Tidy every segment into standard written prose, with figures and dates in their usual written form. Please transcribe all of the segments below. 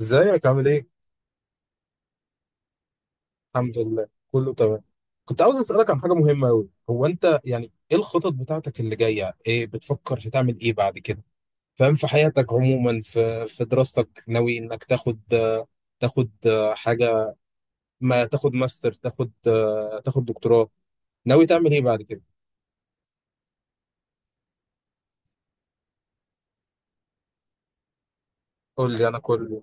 ازيك عامل ايه؟ الحمد لله، كله تمام. كنت عاوز اسألك عن حاجة مهمة أوي. هو أنت يعني إيه الخطط بتاعتك اللي جاية؟ إيه بتفكر هتعمل إيه بعد كده؟ فاهم في حياتك عموما، في دراستك، ناوي إنك تاخد حاجة؟ ما تاخد ماستر، تاخد دكتوراه؟ ناوي تعمل إيه بعد كده؟ قول لي أنا كله.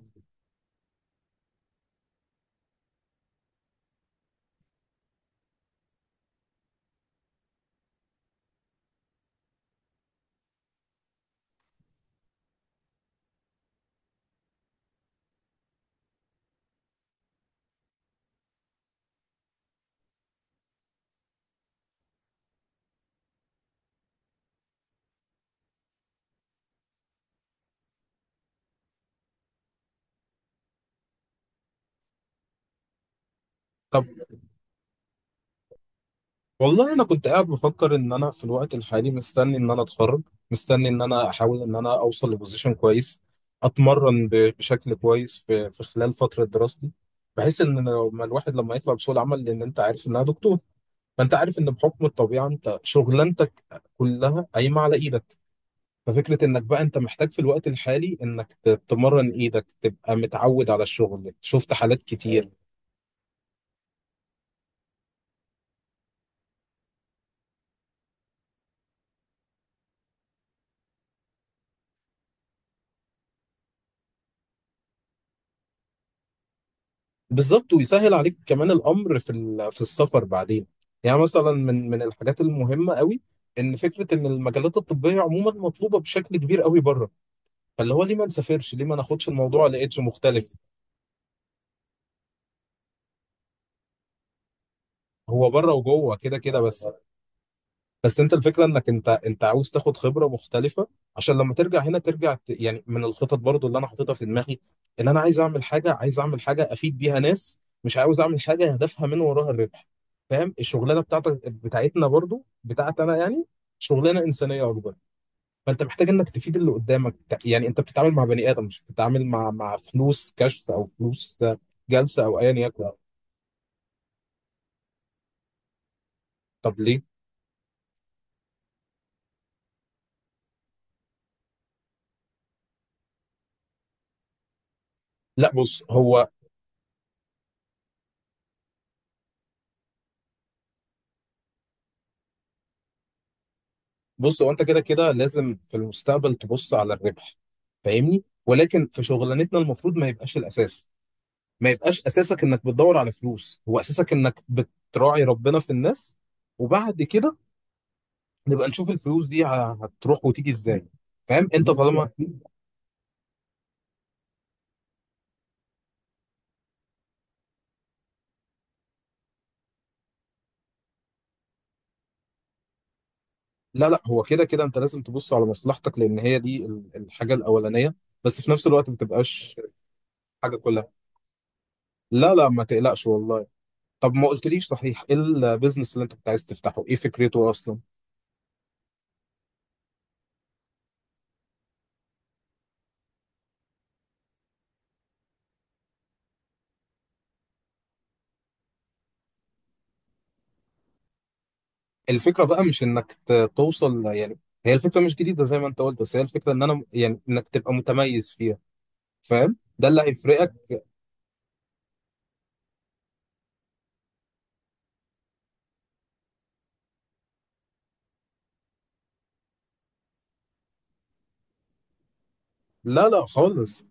طب والله انا كنت قاعد بفكر ان انا في الوقت الحالي مستني ان انا اتخرج، مستني ان انا احاول ان انا اوصل لبوزيشن كويس، اتمرن بشكل كويس في خلال فتره دراستي، بحيث ان لما الواحد يطلع بسوق العمل، لان انت عارف انها دكتور. فانت عارف ان بحكم الطبيعه انت شغلانتك كلها قايمه على ايدك. ففكره انك بقى انت محتاج في الوقت الحالي انك تمرن ايدك تبقى متعود على الشغل. شفت حالات كتير. بالظبط، ويسهل عليك كمان الامر في في السفر بعدين. يعني مثلا من الحاجات المهمه قوي ان فكره ان المجالات الطبيه عموما مطلوبه بشكل كبير قوي بره. فاللي هو ليه ما نسافرش؟ ليه ما ناخدش الموضوع لإيدج مختلف؟ هو بره وجوه كده كده بس. بس انت الفكره انك انت عاوز تاخد خبره مختلفه عشان لما ترجع هنا ترجع... يعني من الخطط برضو اللي انا حاططها في دماغي ان انا عايز اعمل حاجه افيد بيها ناس، مش عاوز اعمل حاجه هدفها من وراها الربح. فاهم الشغلانه بتاعتك، بتاعتنا برضو، بتاعت انا يعني، شغلانه انسانيه اكبر. فانت محتاج انك تفيد اللي قدامك. يعني انت بتتعامل مع بني ادم، مش بتتعامل مع فلوس كشف او فلوس جلسه او ايا يكن. طب ليه؟ لا، بص هو انت كده كده لازم في المستقبل تبص على الربح، فاهمني؟ ولكن في شغلانتنا المفروض ما يبقاش الاساس. ما يبقاش اساسك انك بتدور على فلوس، هو اساسك انك بتراعي ربنا في الناس، وبعد كده نبقى نشوف الفلوس دي هتروح وتيجي ازاي. فاهم انت؟ طالما... لا لا، هو كده كده انت لازم تبص على مصلحتك لان هي دي الحاجة الاولانية، بس في نفس الوقت ما تبقاش حاجة كلها. لا لا، ما تقلقش والله. طب ما قلتليش صحيح، ايه البيزنس اللي انت كنت عايز تفتحه؟ ايه فكرته اصلا؟ الفكرة بقى مش انك توصل يعني. هي الفكرة مش جديدة زي ما انت قلت، بس هي الفكرة ان انا يعني انك تبقى متميز فيها، فاهم؟ ده اللي هيفرقك. لا لا خالص.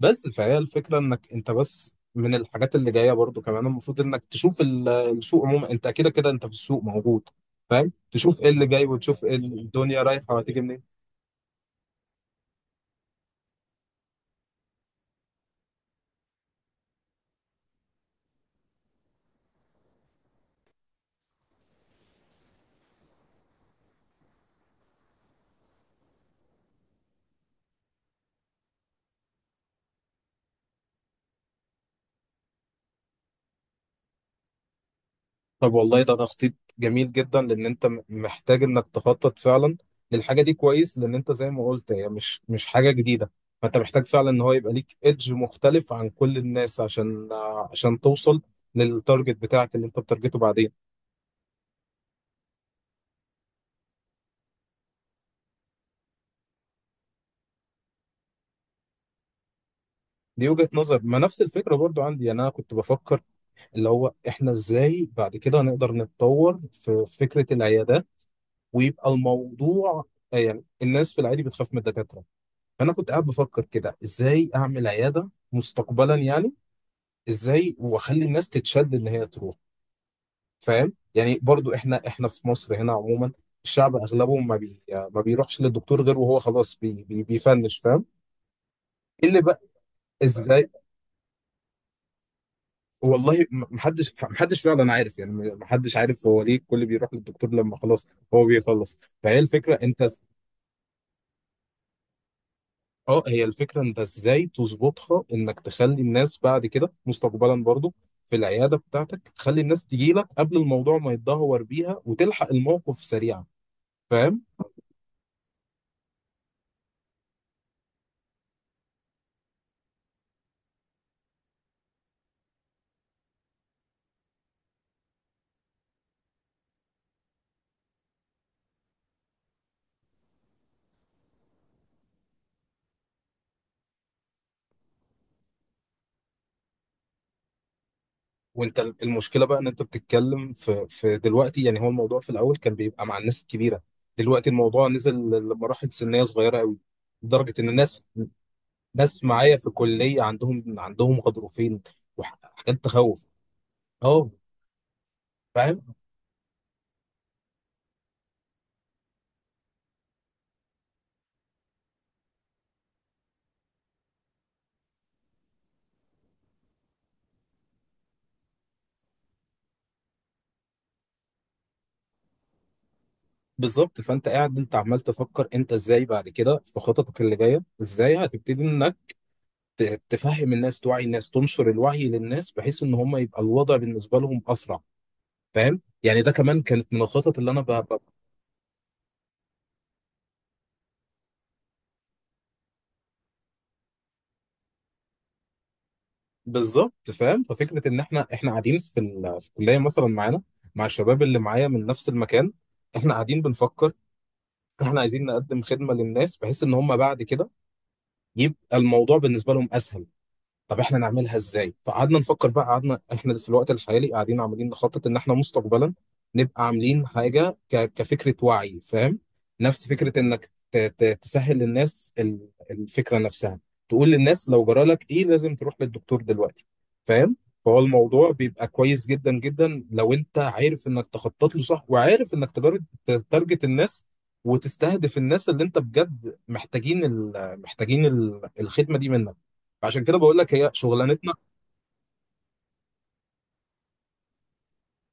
بس فهي الفكرة انك انت بس من الحاجات اللي جاية برضو كمان، المفروض انك تشوف السوق عموما. انت كده كده انت في السوق موجود، فاهم؟ تشوف ايه اللي جاي وتشوف إيه الدنيا رايحة وهتيجي منين. طب والله ده تخطيط جميل جدا، لان انت محتاج انك تخطط فعلا للحاجه دي كويس، لان انت زي ما قلت هي مش حاجه جديده. فانت محتاج فعلا ان هو يبقى ليك ايدج مختلف عن كل الناس عشان عشان توصل للتارجت بتاعك اللي انت بتارجته بعدين. دي وجهه نظر. ما نفس الفكره برضو عندي يعني. انا كنت بفكر اللي هو احنا ازاي بعد كده هنقدر نتطور في فكره العيادات ويبقى الموضوع... يعني الناس في العادي بتخاف من الدكاتره. فانا كنت قاعد بفكر كده ازاي اعمل عياده مستقبلا يعني، ازاي واخلي الناس تتشد ان هي تروح. فاهم يعني؟ برضو احنا في مصر هنا عموما الشعب اغلبه ما بيروحش للدكتور غير وهو خلاص بي بي بيفنش، فاهم؟ إيه اللي بقى؟ ازاي؟ والله محدش فعلا عارف يعني. محدش عارف هو ليه الكل بيروح للدكتور لما خلاص هو بيخلص. فهي الفكره انت... اه، هي الفكرة انت ازاي تظبطها انك تخلي الناس بعد كده مستقبلا برضو في العيادة بتاعتك، تخلي الناس تجي لك قبل الموضوع ما يتدهور بيها وتلحق الموقف سريعا، فاهم؟ وانت المشكلة بقى ان انت بتتكلم في دلوقتي يعني. هو الموضوع في الاول كان بيبقى مع الناس الكبيرة، دلوقتي الموضوع نزل لمراحل سنية صغيرة قوي، لدرجة ان الناس... ناس معايا في الكلية عندهم غضروفين وحاجات تخوف. اه. بالظبط، فانت قاعد انت عمال تفكر انت ازاي بعد كده في خططك اللي جايه، ازاي هتبتدي انك تفهم الناس، توعي الناس، تنشر الوعي للناس بحيث ان هم يبقى الوضع بالنسبه لهم اسرع، فاهم يعني؟ ده كمان كانت من الخطط اللي انا... بالظبط. فاهم ففكره ان احنا قاعدين في الكليه مثلا، معانا مع الشباب اللي معايا من نفس المكان. احنا قاعدين بنفكر، احنا عايزين نقدم خدمه للناس بحيث ان هم بعد كده يبقى الموضوع بالنسبه لهم اسهل. طب احنا نعملها ازاي؟ فقعدنا نفكر بقى. قعدنا احنا في الوقت الحالي قاعدين عمالين نخطط ان احنا مستقبلا نبقى عاملين حاجه كفكره وعي، فاهم؟ نفس فكره انك تسهل للناس الفكره نفسها. تقول للناس لو جرالك ايه لازم تروح للدكتور دلوقتي، فاهم؟ فهو الموضوع بيبقى كويس جدا جدا لو انت عارف انك تخطط له صح وعارف انك تارجت الناس وتستهدف الناس اللي انت بجد محتاجين الخدمه دي منك. عشان كده بقول لك هي شغلانتنا.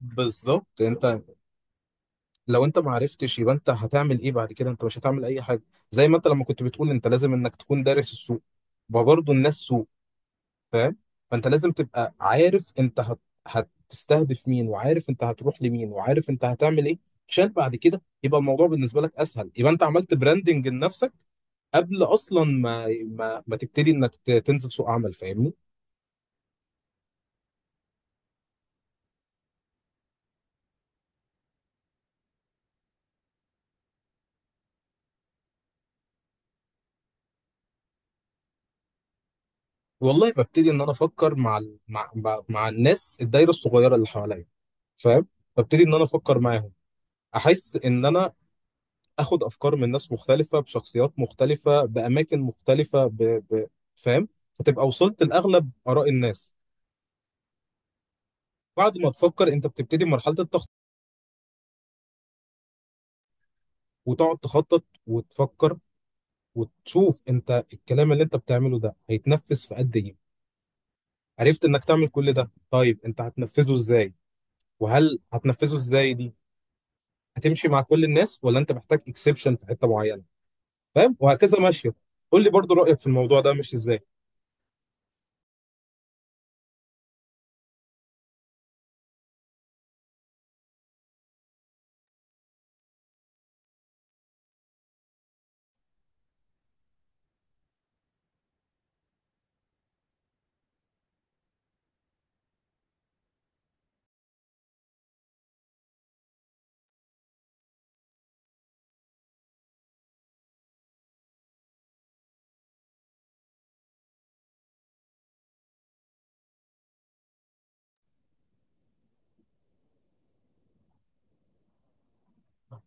بالظبط انت. لو انت ما عرفتش يبقى انت هتعمل ايه بعد كده؟ انت مش هتعمل اي حاجه. زي ما انت لما كنت بتقول انت لازم انك تكون دارس السوق. ما برضه الناس سوق، فاهم؟ فانت لازم تبقى عارف انت هتستهدف مين، وعارف انت هتروح لمين، وعارف انت هتعمل ايه، عشان بعد كده يبقى الموضوع بالنسبه لك اسهل. يبقى انت عملت براندنج لنفسك قبل اصلا ما تبتدي انك تنزل سوق عمل، فاهمني؟ والله ببتدي ان انا افكر مع ال- مع مع مع الناس، الدايره الصغيره اللي حواليا، فاهم؟ ببتدي ان انا افكر معاهم. احس ان انا اخد افكار من ناس مختلفه بشخصيات مختلفه باماكن مختلفه، فاهم؟ فتبقى وصلت لاغلب اراء الناس. بعد ما تفكر انت بتبتدي مرحله التخطيط، وتقعد تخطط وتفكر وتشوف انت الكلام اللي انت بتعمله ده هيتنفذ في قد ايه. عرفت انك تعمل كل ده، طيب انت هتنفذه ازاي؟ وهل هتنفذه ازاي دي هتمشي مع كل الناس ولا انت محتاج اكسبشن في حته معينه، فاهم؟ وهكذا ماشيه. قول لي برضو رايك في الموضوع ده مش ازاي.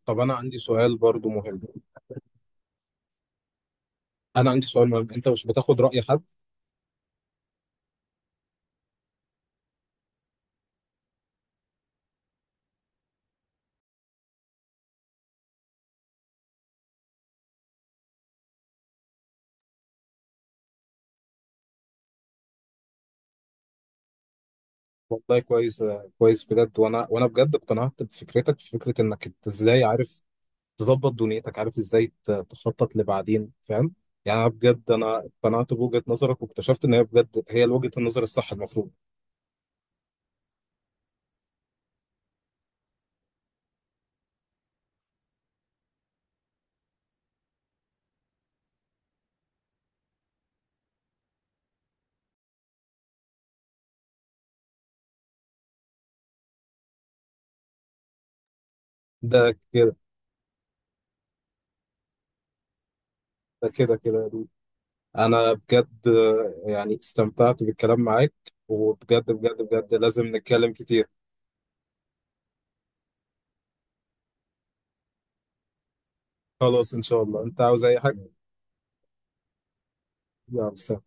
طب انا عندي سؤال برضو مهم. انا عندي سؤال مهم، انت مش بتاخد راي حد؟ والله كويس، كويس بجد. وانا بجد اقتنعت بفكرتك، في فكره انك انت ازاي عارف تظبط دنيتك، عارف ازاي تخطط لبعدين، فاهم؟ يعني أنا بجد، انا اقتنعت بوجهه نظرك واكتشفت ان هي بجد هي وجهه النظر الصح المفروض. ده كده، ده كده كده، انا بجد، يعني استمتعت بالكلام معاك. وبجد بجد بجد لازم نتكلم كتير. خلاص ان شاء الله، انت عاوز اي حاجه. يلا، سلام.